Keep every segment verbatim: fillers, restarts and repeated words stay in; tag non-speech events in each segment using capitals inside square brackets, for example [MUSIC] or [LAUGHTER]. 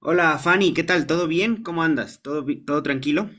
Hola Fanny, ¿qué tal? ¿Todo bien? ¿Cómo andas? ¿Todo, bi- todo tranquilo?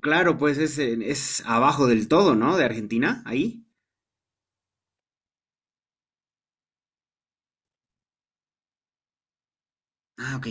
Claro, pues es, en- es abajo del todo, ¿no? De Argentina, ahí. Ah, ok.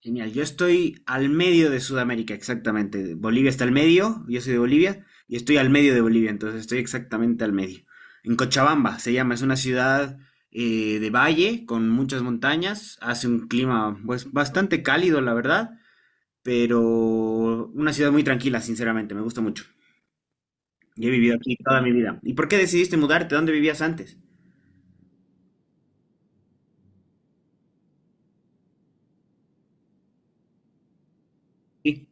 Genial. Yo estoy al medio de Sudamérica, exactamente. Bolivia está al medio, yo soy de Bolivia, y estoy al medio de Bolivia, entonces estoy exactamente al medio. En Cochabamba se llama, es una ciudad eh, de valle con muchas montañas, hace un clima pues bastante cálido, la verdad, pero una ciudad muy tranquila, sinceramente, me gusta mucho. Yo he vivido aquí toda mi vida. ¿Y por qué decidiste mudarte? ¿Dónde vivías antes? Sí,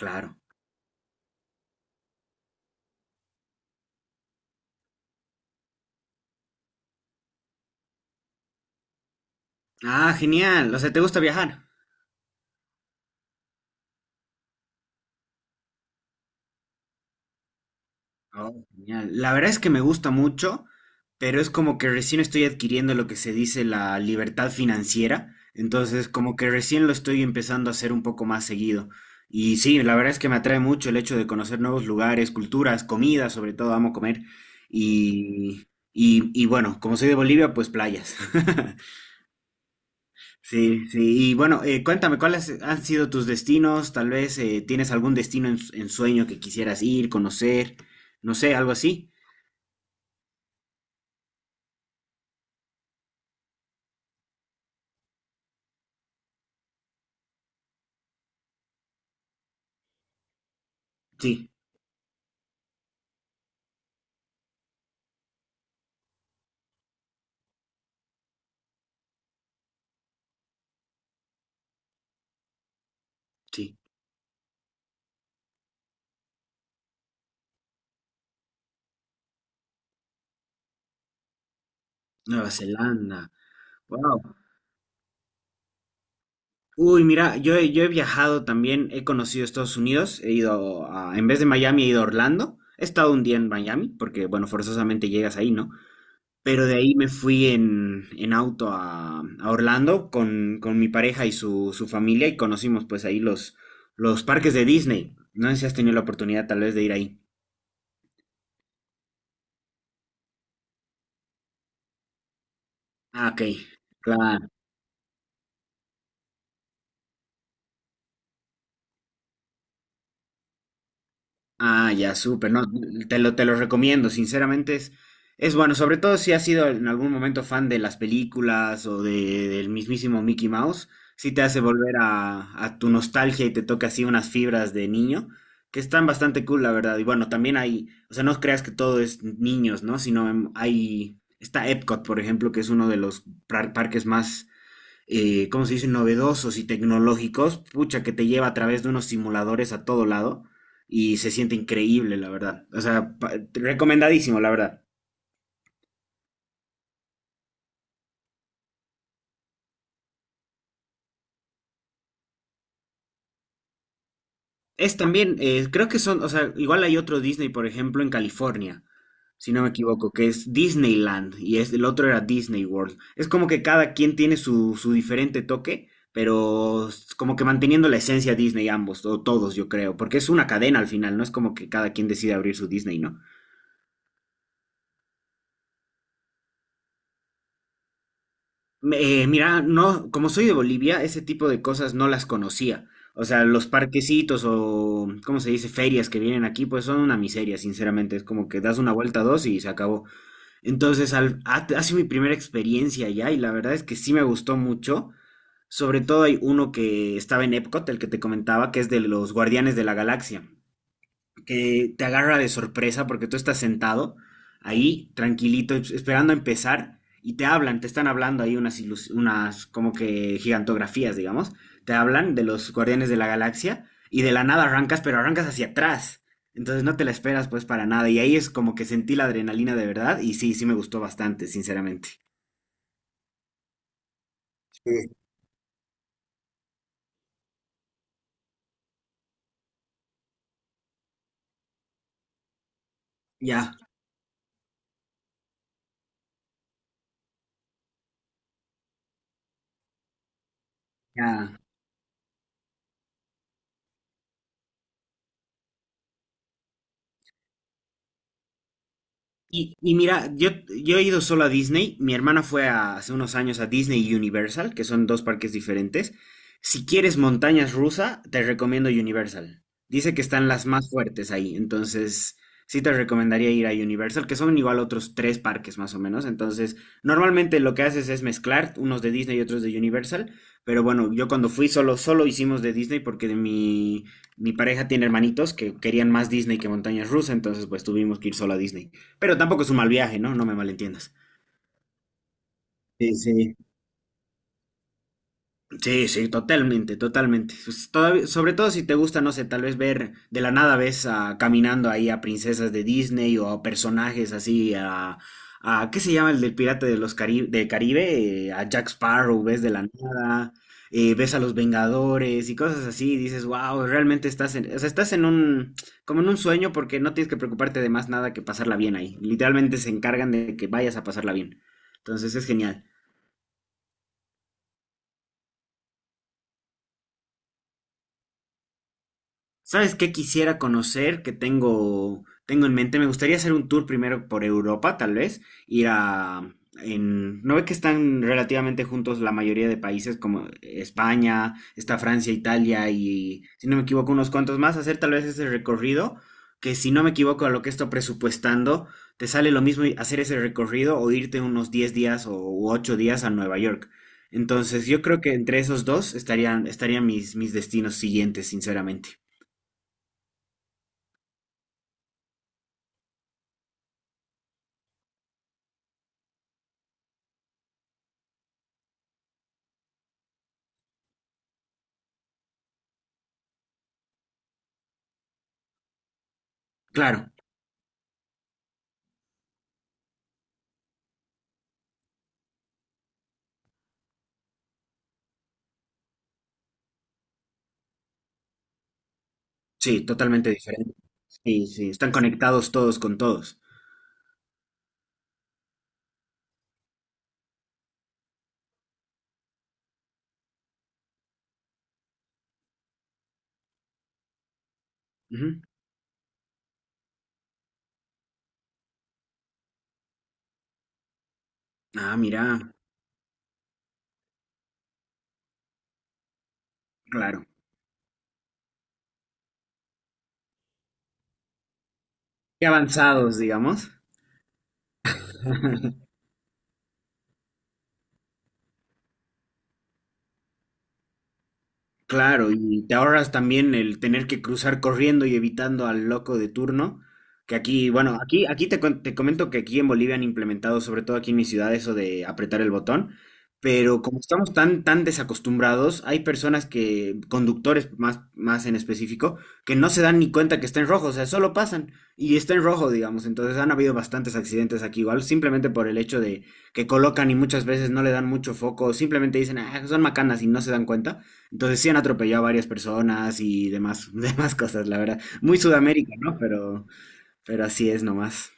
claro. Ah, genial. O sea, ¿te gusta viajar? Oh, genial. La verdad es que me gusta mucho, pero es como que recién estoy adquiriendo lo que se dice la libertad financiera. Entonces, como que recién lo estoy empezando a hacer un poco más seguido. Y sí, la verdad es que me atrae mucho el hecho de conocer nuevos lugares, culturas, comidas, sobre todo amo comer. Y, y, y bueno, como soy de Bolivia, pues playas. [LAUGHS] Sí, sí. Y bueno, eh, cuéntame, ¿cuáles han sido tus destinos? Tal vez eh, tienes algún destino en, s- en sueño que quisieras ir, conocer, no sé, algo así. Sí, sí. Nueva Zelanda. Wow. Uy, mira, yo, he- yo he viajado también, he conocido Estados Unidos, he ido a, en vez de Miami, he ido a Orlando. He estado un día en Miami, porque bueno, forzosamente llegas ahí, ¿no? Pero de ahí me fui en, en auto a, a Orlando con, con mi pareja y su, su familia y conocimos pues ahí los, los parques de Disney. No sé si has tenido la oportunidad tal vez de ir ahí. Ah, ok. Claro. Ah, ya, súper, no, te lo, te lo recomiendo, sinceramente es, es bueno, sobre todo si has sido en algún momento fan de las películas o de, del mismísimo Mickey Mouse, sí te hace volver a, a tu nostalgia y te toca así unas fibras de niño, que están bastante cool, la verdad, y bueno, también hay, o sea, no creas que todo es niños, ¿no? Sino em, hay, está Epcot, por ejemplo, que es uno de los par- parques más eh, ¿cómo se dice?, novedosos y tecnológicos, pucha, que te lleva a través de unos simuladores a todo lado y se siente increíble, la verdad. O sea, pa- recomendadísimo, la verdad. Es también, eh, creo que son, o sea, igual hay otro Disney, por ejemplo, en California, si no me equivoco, que es Disneyland y es, el otro era Disney World. Es como que cada quien tiene su, su diferente toque, pero s- como que manteniendo la esencia Disney ambos, o todos, yo creo, porque es una cadena al final, no es como que cada quien decide abrir su Disney, ¿no? Me- eh, mira, no, como soy de Bolivia, ese tipo de cosas no las conocía. O sea, los parquecitos o, ¿cómo se dice? Ferias que vienen aquí, pues son una miseria, sinceramente. Es como que das una vuelta dos y se acabó. Entonces, al, ha, ha sido mi primera experiencia allá y la verdad es que sí me gustó mucho. Sobre todo hay uno que estaba en Epcot, el que te comentaba, que es de los Guardianes de la Galaxia que te agarra de sorpresa porque tú estás sentado ahí, tranquilito, es- esperando a empezar, y te hablan, te están hablando ahí unas, ilus- unas como que gigantografías, digamos, te hablan de los guardianes de la galaxia, y de la nada arrancas, pero arrancas hacia atrás, entonces no te la esperas pues para nada, y ahí es como que sentí la adrenalina de verdad, y sí, sí me gustó bastante, sinceramente. Ya, ya. Y, y mira, yo, yo he ido solo a Disney, mi hermana fue a- hace unos años a Disney y Universal, que son dos parques diferentes. Si quieres montañas rusa, te recomiendo Universal. Dice que están las más fuertes ahí, entonces sí te recomendaría ir a Universal, que son igual otros tres parques más o menos. Entonces, normalmente lo que haces es mezclar unos de Disney y otros de Universal, pero bueno, yo cuando fui solo, solo hicimos de Disney porque de mi, mi pareja tiene hermanitos que querían más Disney que montañas rusa, entonces pues tuvimos que ir solo a Disney. Pero tampoco es un mal viaje, ¿no? No me malentiendas. Sí, sí. Sí, sí, totalmente, totalmente. Pues, todavía- sobre todo si te gusta, no sé, tal vez ver de la nada ves a, caminando ahí a princesas de Disney o a personajes así, a, a ¿qué se llama el del Pirata de los Cari- del Caribe? Eh, a Jack Sparrow, ves de la nada, eh, ves a los Vengadores y cosas así, y dices, wow, realmente estás en, o sea, estás en un, como en un sueño porque no tienes que preocuparte de más nada que pasarla bien ahí. Literalmente se encargan de que vayas a pasarla bien. Entonces es genial. ¿Sabes qué quisiera conocer? Que tengo, tengo en mente. Me gustaría hacer un tour primero por Europa, tal vez. Ir a... En, ¿no ve que están relativamente juntos la mayoría de países como España, está Francia, Italia y, si no me equivoco, unos cuantos más? Hacer tal vez ese recorrido, que si no me equivoco a lo que estoy presupuestando, te sale lo mismo y- hacer ese recorrido o irte unos diez días o u ocho días a Nueva York. Entonces, yo creo que entre esos dos estarían, estarían mis, mis destinos siguientes, sinceramente. Claro, sí, totalmente diferente. Sí, sí, están conectados todos con todos. Ujú. Ah, mira, claro. Qué avanzados, digamos. [LAUGHS] Claro, y te ahorras también el tener que cruzar corriendo y evitando al loco de turno, que aquí, bueno, aquí, aquí te, con- te comento que aquí en Bolivia han implementado, sobre todo aquí en mi ciudad, eso de apretar el botón, pero como estamos tan, tan desacostumbrados, hay personas que, conductores más, más en específico, que no se dan ni cuenta que está en rojo, o sea, solo pasan y está en rojo, digamos, entonces han habido bastantes accidentes aquí igual, simplemente por el hecho de que colocan y muchas veces no le dan mucho foco, simplemente dicen, ah, son macanas y no se dan cuenta. Entonces sí han atropellado a varias personas y demás, [LAUGHS] demás cosas, la verdad. Muy Sudamérica, ¿no? Pero, pero así es nomás.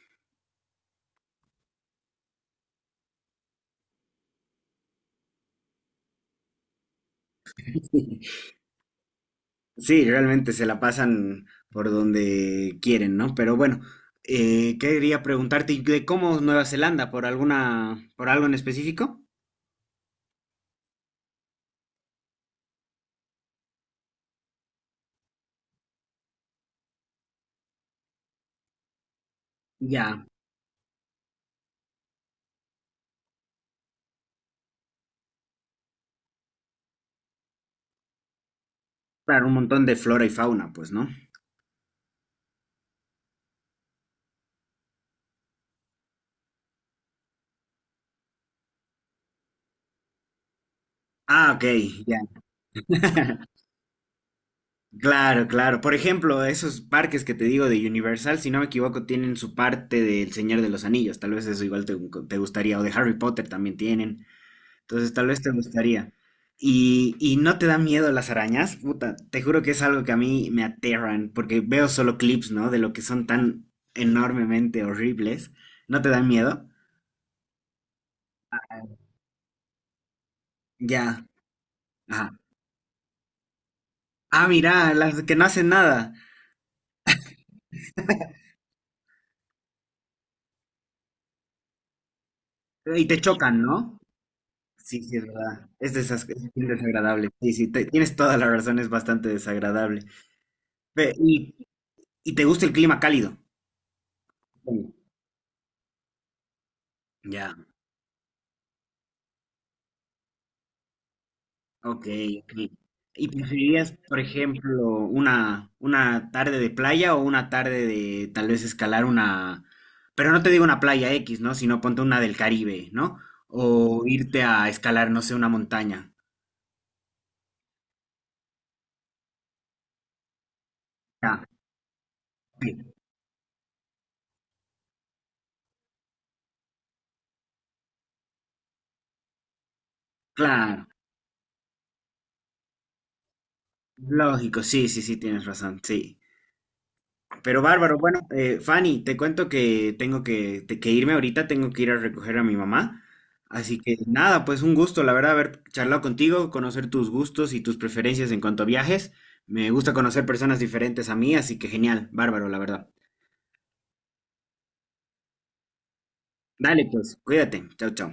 [LAUGHS] Sí, realmente se la pasan por donde quieren, ¿no? Pero bueno, eh, quería preguntarte ¿y de cómo Nueva Zelanda, por alguna, por algo en específico? Ya, para un montón de flora y fauna, pues, ¿no? Ah, ok, ya. Claro, claro. Por ejemplo, esos parques que te digo de Universal, si no me equivoco, tienen su parte del Señor de los Anillos. Tal vez eso igual te, te gustaría. O de Harry Potter también tienen. Entonces, tal vez te gustaría. Y, y no te da miedo las arañas, puta. Te juro que es algo que a mí me aterran, porque veo solo clips, ¿no? De lo que son tan enormemente horribles. ¿No te dan miedo? Ya. Ajá. Ah, mira, las que no hacen nada. Y te chocan, ¿no? Sí, sí, es verdad. Es, desas- es bien desagradable. Sí, sí, te- tienes toda la razón, es bastante desagradable. Ve, y, y te gusta el clima cálido? Sí. Ya, ok, ok. ¿Y preferirías, por ejemplo, una, una tarde de playa o una tarde de tal vez escalar una, pero no te digo una playa X, ¿no? Sino ponte una del Caribe, ¿no? O irte a escalar, no sé, una montaña. Ya, sí, claro. Lógico, sí, sí, sí, tienes razón, sí. Pero bárbaro, bueno, eh, Fanny, te cuento que tengo que, te- que irme ahorita, tengo que ir a recoger a mi mamá. Así que nada, pues un gusto, la verdad, haber charlado contigo, conocer tus gustos y tus preferencias en cuanto a viajes. Me gusta conocer personas diferentes a mí, así que genial, bárbaro, la verdad. Dale, pues, cuídate. Chao, chao.